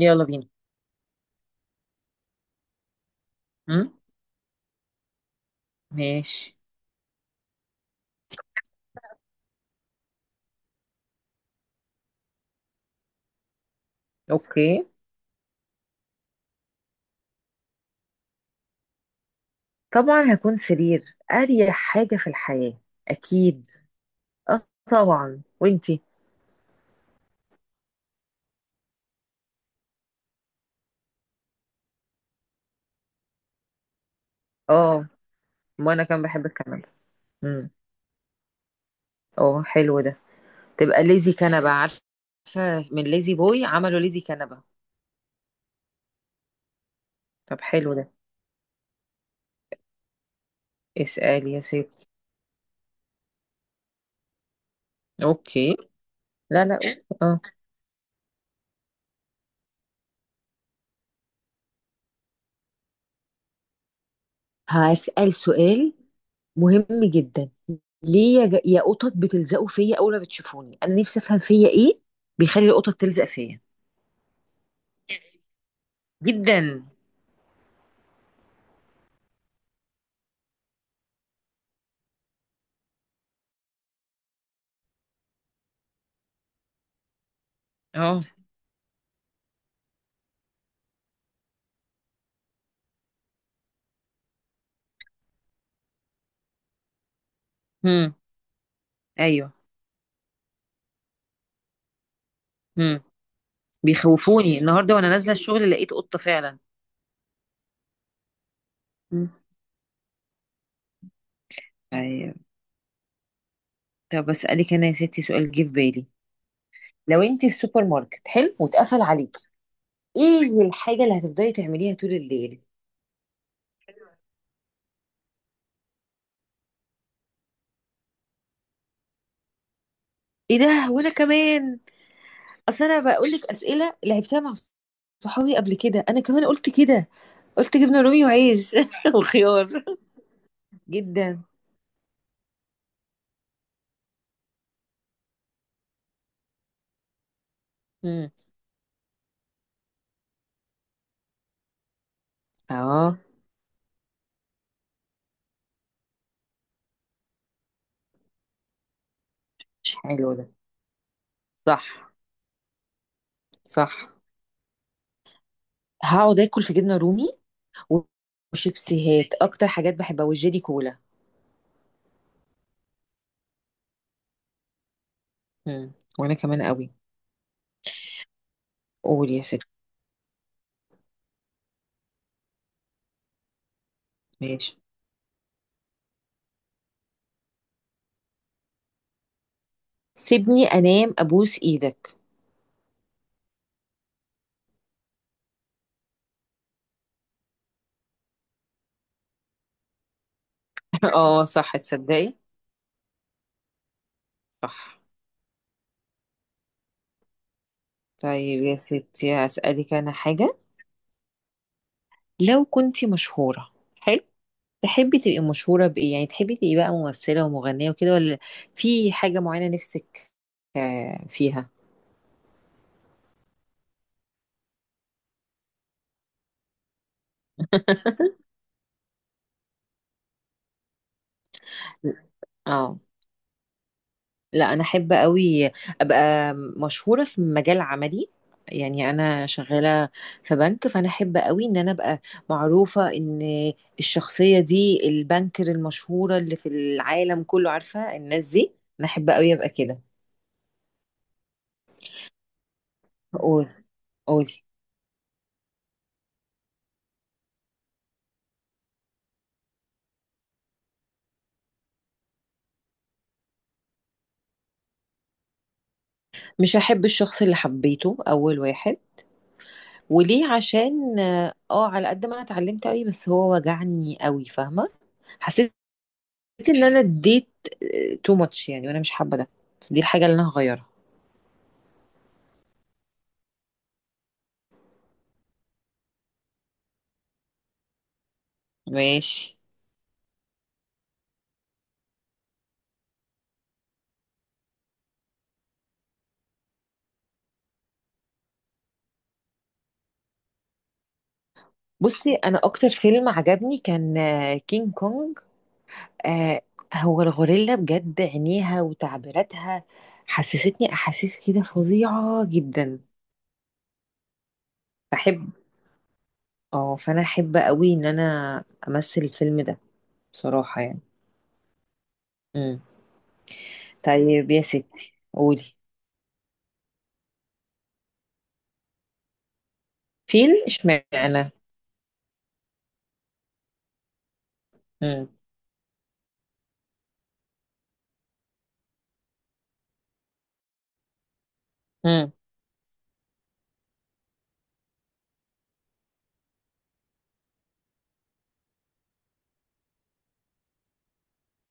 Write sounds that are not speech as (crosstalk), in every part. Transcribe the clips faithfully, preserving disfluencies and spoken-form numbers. يلا بينا. هم؟ ماشي. اوكي. طبعا هكون سرير، اريح حاجة في الحياة. اكيد. اه، طبعا وانتي؟ اه، وانا كان بحب الكنبة. امم اه، حلو ده. تبقى ليزي كنبة، عارفة؟ من ليزي بوي عملوا ليزي كنبة. طب حلو ده. اسأل يا ست. اوكي. لا، لا، أوكي. اه. هسأل سؤال مهم جدا. ليه يا ج- يا قطط بتلزقوا فيا اول ما بتشوفوني؟ انا نفسي افهم فيا ايه بيخلي القطط تلزق فيا. جدا. اه. هم. ايوه. هم. بيخوفوني، النهارده وانا نازله الشغل لقيت قطه فعلا. هم. ايوه. طب اسالك انا يا ستي سؤال جه في بالي. لو انت في السوبر ماركت، حلو، واتقفل عليكي، ايه الحاجه اللي هتفضلي تعمليها طول الليل؟ ايه ده، وانا كمان! اصل انا بقول لك اسئله لعبتها مع صحابي قبل كده، انا كمان قلت كده. قلت جبنه رومي وعيش (laughs) وخيار. جدا. هم. اه، حلو ده. صح. صح. هقعد اكل في جبنه رومي وشيبسيهات، اكتر حاجات بحبها، والجيلي كولا. مم. وانا كمان قوي. قول يا ستي. ماشي. سيبني انام، ابوس ايدك. (laughs) اه صح، تصدقي. صح. طيب يا ستي هسألك انا حاجة. لو كنتي مشهورة، حلو، تحبي تبقي مشهورة بإيه؟ يعني تحبي تبقي بقى ممثلة ومغنية وكده، ولا في حاجة معينة نفسك آه، فيها؟ (laughs) اه. لا، انا احب قوي ابقى مشهوره في مجال عملي. يعني انا شغاله في بنك، فانا احب قوي ان انا ابقى معروفه ان الشخصيه دي البنكر المشهوره اللي في العالم كله، عارفه الناس دي. انا احب قوي ابقى كده. قول. قولي. مش هحب الشخص اللي حبيته اول واحد. وليه؟ عشان اه على قد ما انا اتعلمت قوي، بس هو وجعني قوي، فاهمه. حسيت ان انا اديت تو ماتش يعني، وانا مش حابه ده. دي الحاجه اللي انا هغيرها. ماشي. بصي، انا اكتر فيلم عجبني كان آه، كينج كونج. آه، هو الغوريلا بجد، عينيها وتعبيراتها حسستني احاسيس كده فظيعة جدا. بحب. اه، فانا احب قوي ان انا امثل الفيلم ده، بصراحة يعني. امم طيب يا ستي قولي. فيل، اشمعنى؟ امم امم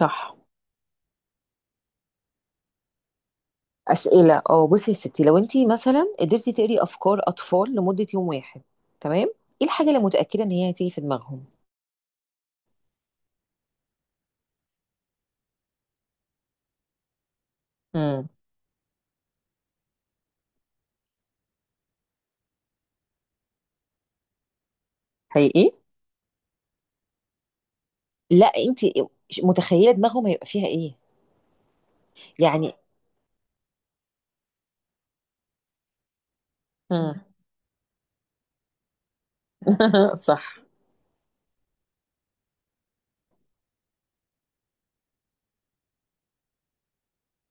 صح. اسئله، اه بصي يا ستي. لو انت مثلا قدرتي تقري افكار اطفال لمده يوم واحد، تمام، ايه الحاجه اللي متاكده ان هي هتيجي في دماغهم؟ امم حقيقي. لا، انت متخيله دماغهم هيبقى فيها ايه، يعني. امم (laughs) صح.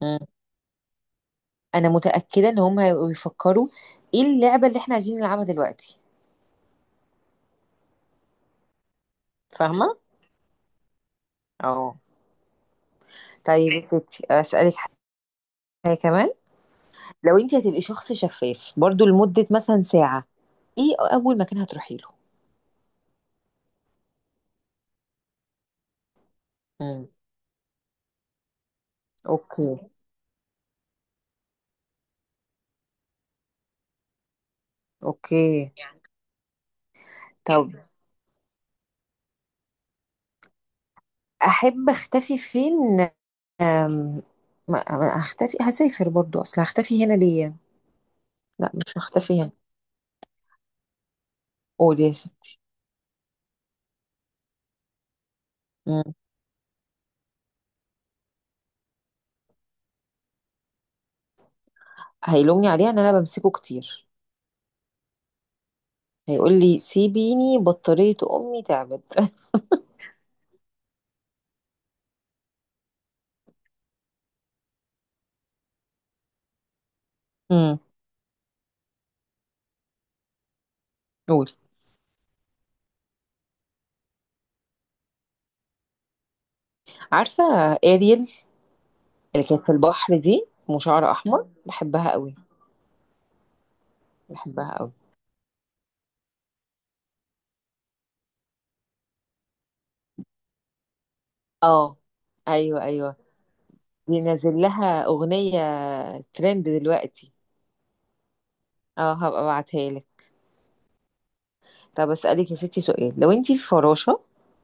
امم انا متاكده ان هم هيبقوا بيفكروا ايه اللعبه اللي احنا عايزين نلعبها دلوقتي. فاهمة. اه. طيب يا ستي اسالك حاجه كمان. لو انت هتبقي شخص شفاف برضو لمده مثلا ساعه، ايه اول مكان هتروحي له؟ امم اوكي. اوكي. طب احب اختفي فين؟ أم... ما ما اختفي؟ هسافر برضو، اصل هختفي هنا ليه؟ لا، مش هختفي هنا. قول يا ستي. مم. هيلومني عليها ان انا بمسكه كتير. هيقول لي سيبيني، بطارية امي تعبت. (laughs) مم. قول. عارفة، اريل، اللي كانت في البحر دي وشعر احمر، بحبها قوي. بحبها قوي. اه. ايوه، ايوه. دي نازل لها اغنية ترند دلوقتي. اه، هبقى ابعتها لك. طب اسألك يا ستي سؤال. لو انتي في فراشة،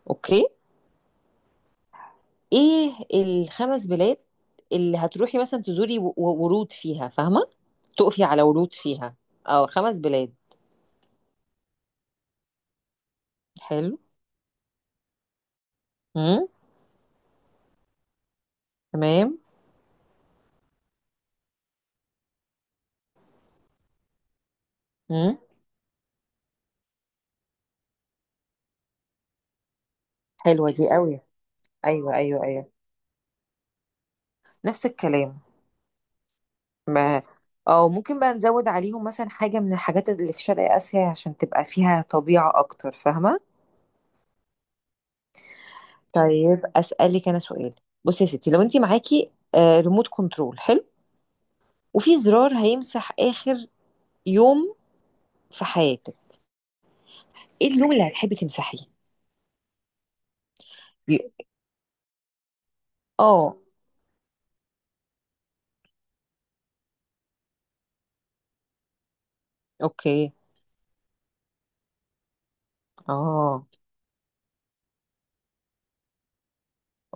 اوكي، ايه الخمس بلاد اللي هتروحي مثلا تزوري و- و- ورود فيها، فاهمة؟ تقفي على ورود فيها. اه، خمس بلاد. حلو. امم تمام. امم حلوة دي قوي. ايوه، ايوه، ايوه. نفس الكلام. ما! او ممكن بقى نزود عليهم مثلا حاجة من الحاجات اللي في شرق آسيا، عشان تبقى فيها طبيعة اكتر، فاهمة؟ طيب اسألك انا سؤال. بصي يا ستي، لو انتي معاكي ريموت كنترول وفي زرار هيمسح آخر يوم في حياتك، ايه اليوم اللي هتحبي تمسحيه؟ ي- اه. اوكي. اه.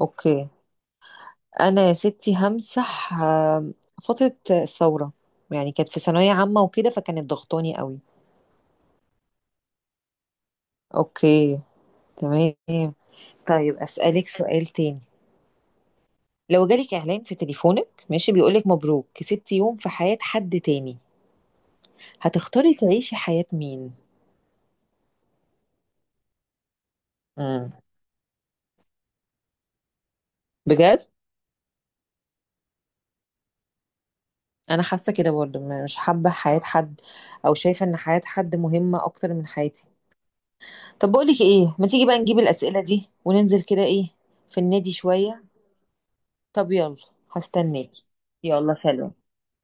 اوكي. انا يا ستي همسح آم، فترة الثورة. يعني كانت في ثانوية عامة وكده، فكانت ضغطاني قوي. اوكي. تمام. طيب اسألك سؤال تاني. لو جالك اعلان في تليفونك، ماشي، بيقولك مبروك كسبتي يوم في حياة حد تاني، هتختاري تعيشي حياة مين؟ امم بجد. انا حاسه كده برضه، م- مش حابه حياه حد او شايفه ان حياه حد مهمه اكتر من حياتي. طب بقولك ايه، ما تيجي بقى نجيب الاسئله دي وننزل كده ايه في النادي شويه. طب يلا. هستناكي. يلا سلام.